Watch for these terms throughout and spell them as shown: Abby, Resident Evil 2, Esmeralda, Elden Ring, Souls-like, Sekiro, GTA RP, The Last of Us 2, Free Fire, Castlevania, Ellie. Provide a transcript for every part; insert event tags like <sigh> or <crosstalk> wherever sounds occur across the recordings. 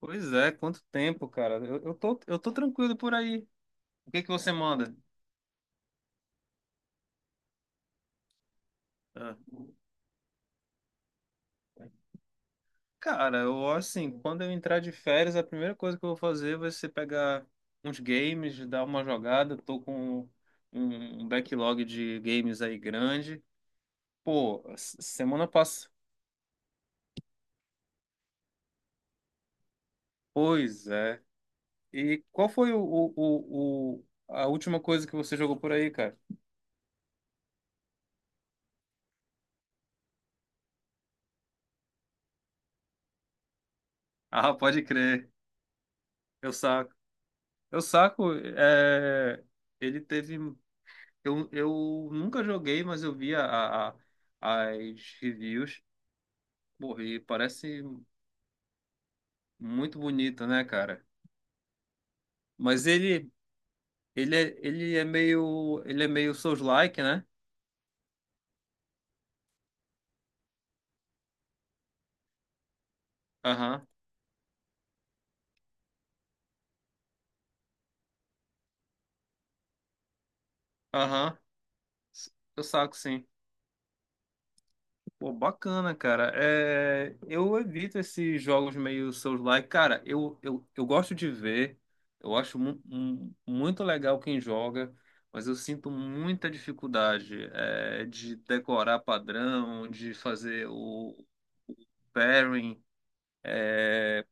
Pois é, quanto tempo, cara. Eu tô tranquilo por aí. O que que você manda? Ah. Cara, eu assim, quando eu entrar de férias, a primeira coisa que eu vou fazer vai ser pegar uns games, dar uma jogada. Tô com um backlog de games aí grande. Pô, semana passada. Pois é. E qual foi a última coisa que você jogou por aí, cara? Ah, pode crer. Eu saco. Eu saco. Ele teve. Eu nunca joguei, mas eu vi a- as reviews. Pô, e parece muito bonito, né, cara? Mas ele é, ele é meio Souls-like, né? Aham, aham. Eu saco, sim. Pô, bacana, cara. É, eu evito esses jogos meio Souls-like. Cara, eu gosto de ver, eu acho muito legal quem joga, mas eu sinto muita dificuldade de decorar padrão, de fazer o pairing. É...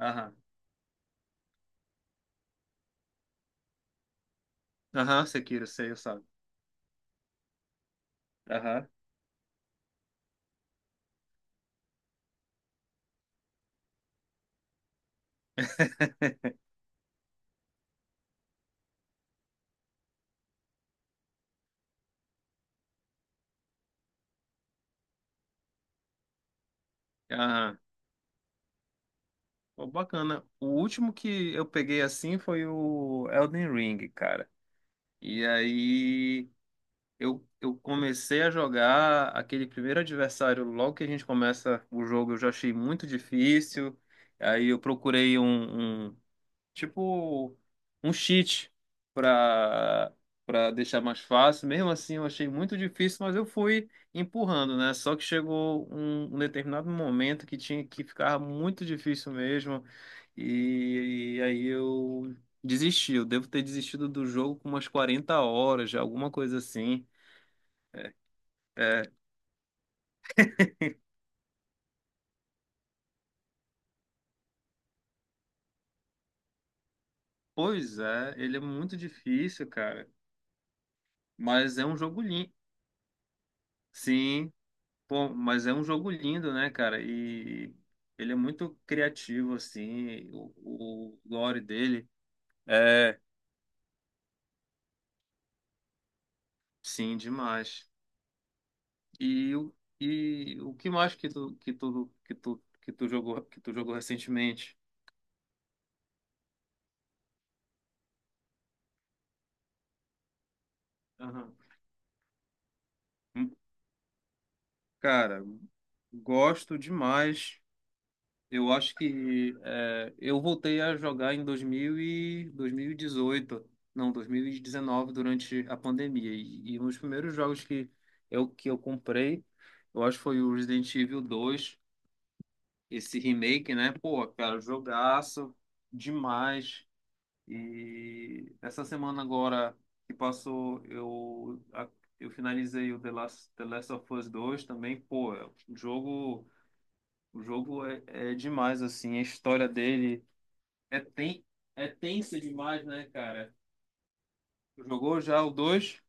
Aham, aham, Sekiro, sei, eu sabe. Aham, aham. Pô, bacana. O último que eu peguei assim foi o Elden Ring, cara. E aí. Eu comecei a jogar aquele primeiro adversário, logo que a gente começa o jogo, eu já achei muito difícil. Aí eu procurei tipo um cheat para para deixar mais fácil. Mesmo assim, eu achei muito difícil, mas eu fui empurrando, né? Só que chegou um determinado momento que tinha que ficar muito difícil mesmo. E aí eu desisti. Eu devo ter desistido do jogo com umas 40 horas, já, alguma coisa assim. É, pois é, ele é muito difícil, cara. Mas é um jogo lindo. Sim, pô, mas é um jogo lindo, né, cara? E ele é muito criativo, assim. O lore dele é, sim, demais. E, o- e o que mais que tu jogou recentemente? Aham. Cara, gosto demais. Eu acho que eu voltei a jogar em 2000 e 2018, não, 2019, durante a pandemia. E um dos primeiros jogos que eu comprei, eu acho que foi o Resident Evil 2, esse remake, né? Pô, cara, jogaço demais. E essa semana agora que passou, eu finalizei o The Last of Us 2 também. Pô, é um jogo. O jogo é demais, assim, a história dele é, ten... é tensa demais, né, cara? Tu Jogou já o dois?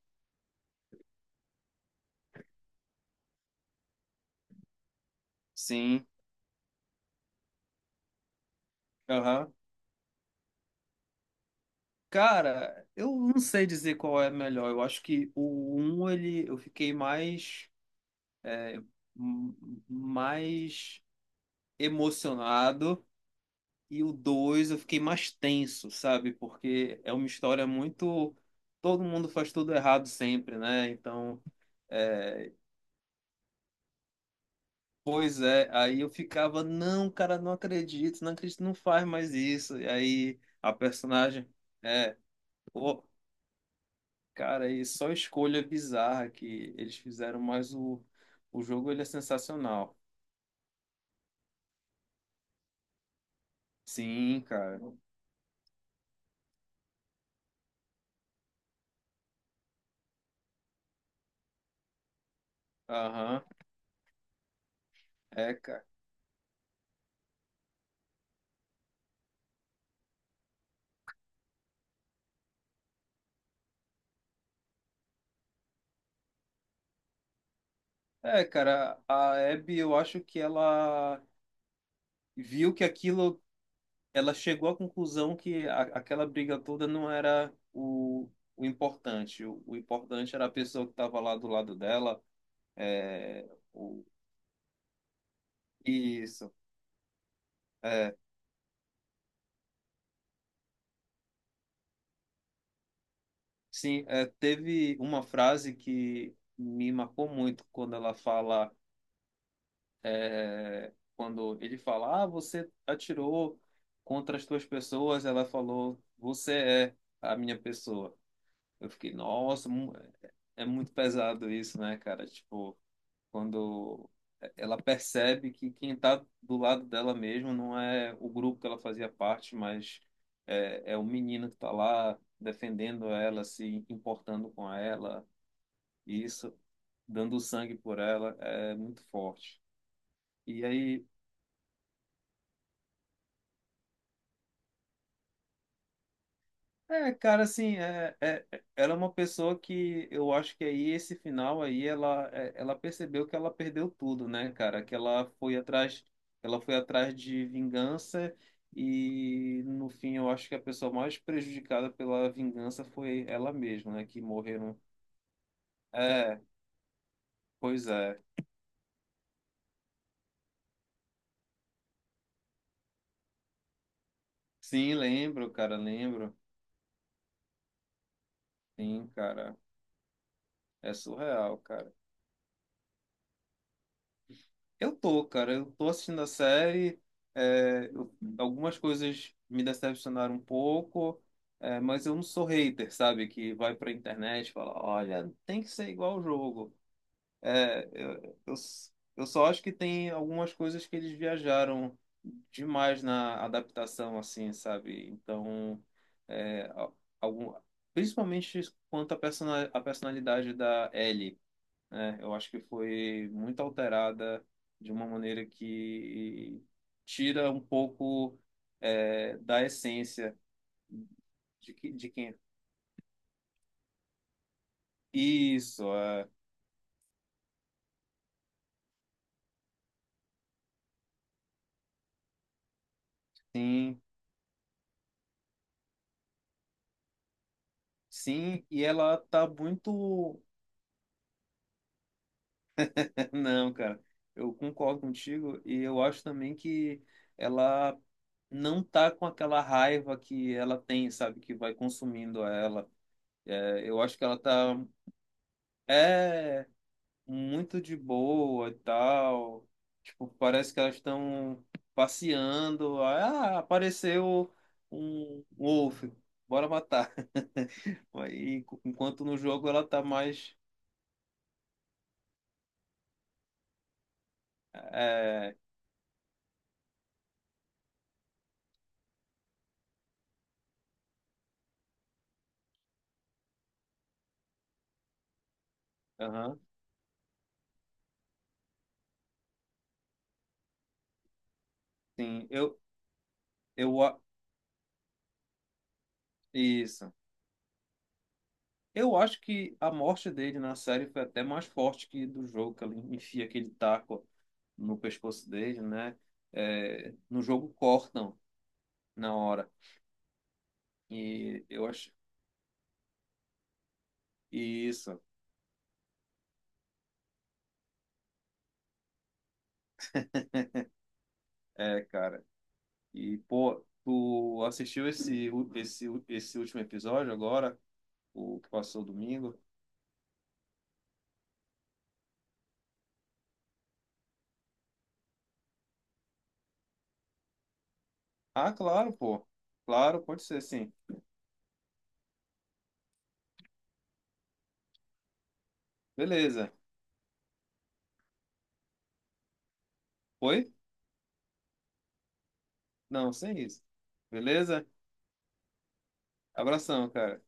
Sim. Aham. Cara, eu não sei dizer qual é melhor. Eu acho que o um ele, eu fiquei mais emocionado e o 2 eu fiquei mais tenso, sabe? Porque é uma história muito... Todo mundo faz tudo errado sempre, né? Então... é, Pois é, aí eu ficava, não, cara, não acredito, não acredito, não faz mais isso. E aí a personagem, é, pô, cara, e só escolha bizarra que eles fizeram, mas o jogo ele é sensacional. Sim, cara. Aham. É, cara. É, cara, a Abby, eu acho que ela viu que aquilo, ela chegou à conclusão aquela briga toda não era o importante. O importante era a pessoa que estava lá do lado dela. É, o- Isso. É, sim, teve uma frase que me marcou muito quando ela fala, quando ele fala, ah, você atirou contra as tuas pessoas, ela falou, você é a minha pessoa. Eu fiquei, nossa, é é muito pesado isso, né, cara? Tipo, quando ela percebe que quem está do lado dela mesmo não é o grupo que ela fazia parte, mas é o menino que está lá defendendo ela, se importando com ela, e isso, dando sangue por ela, é muito forte. E aí cara, assim, ela é uma pessoa que eu acho que aí esse final aí ela percebeu que ela perdeu tudo, né, cara? Que ela foi atrás de vingança e no fim eu acho que a pessoa mais prejudicada pela vingança foi ela mesma, né? Que morreram. É, pois é. Sim, lembro, cara, lembro. Sim, cara. É surreal, cara. Eu tô assistindo a série. é, eu- Algumas coisas me decepcionaram um pouco, mas eu não sou hater, sabe? Que vai pra internet e fala: olha, tem que ser igual o jogo. É, eu, eu, s- eu só acho que tem algumas coisas que eles viajaram demais na adaptação, assim, sabe? Então, é, a- algum, principalmente quanto à personalidade da Ellie. É, eu acho que foi muito alterada de uma maneira que tira um pouco da essência de quem. Isso, sim, sim, e ela tá muito. <laughs> Não, cara, eu concordo contigo e eu acho também que ela não tá com aquela raiva que ela tem, sabe, que vai consumindo ela. É, eu acho que ela tá. É. Muito de boa e tal. Tipo, parece que elas estão passeando. Ah, apareceu um wolf, bora matar. <laughs> E enquanto no jogo ela tá mais. É, aham, sim, eu. a- Isso. Eu acho que a morte dele na série foi até mais forte que do jogo, que ele enfia aquele taco no pescoço dele, né? É, no jogo cortam na hora. E eu acho. Isso. É, cara. E, pô, tu assistiu esse último episódio agora? O que passou domingo? Ah, claro, pô. Claro, pode ser sim. Beleza. Foi? Não, sem isso. Beleza? Abração, cara.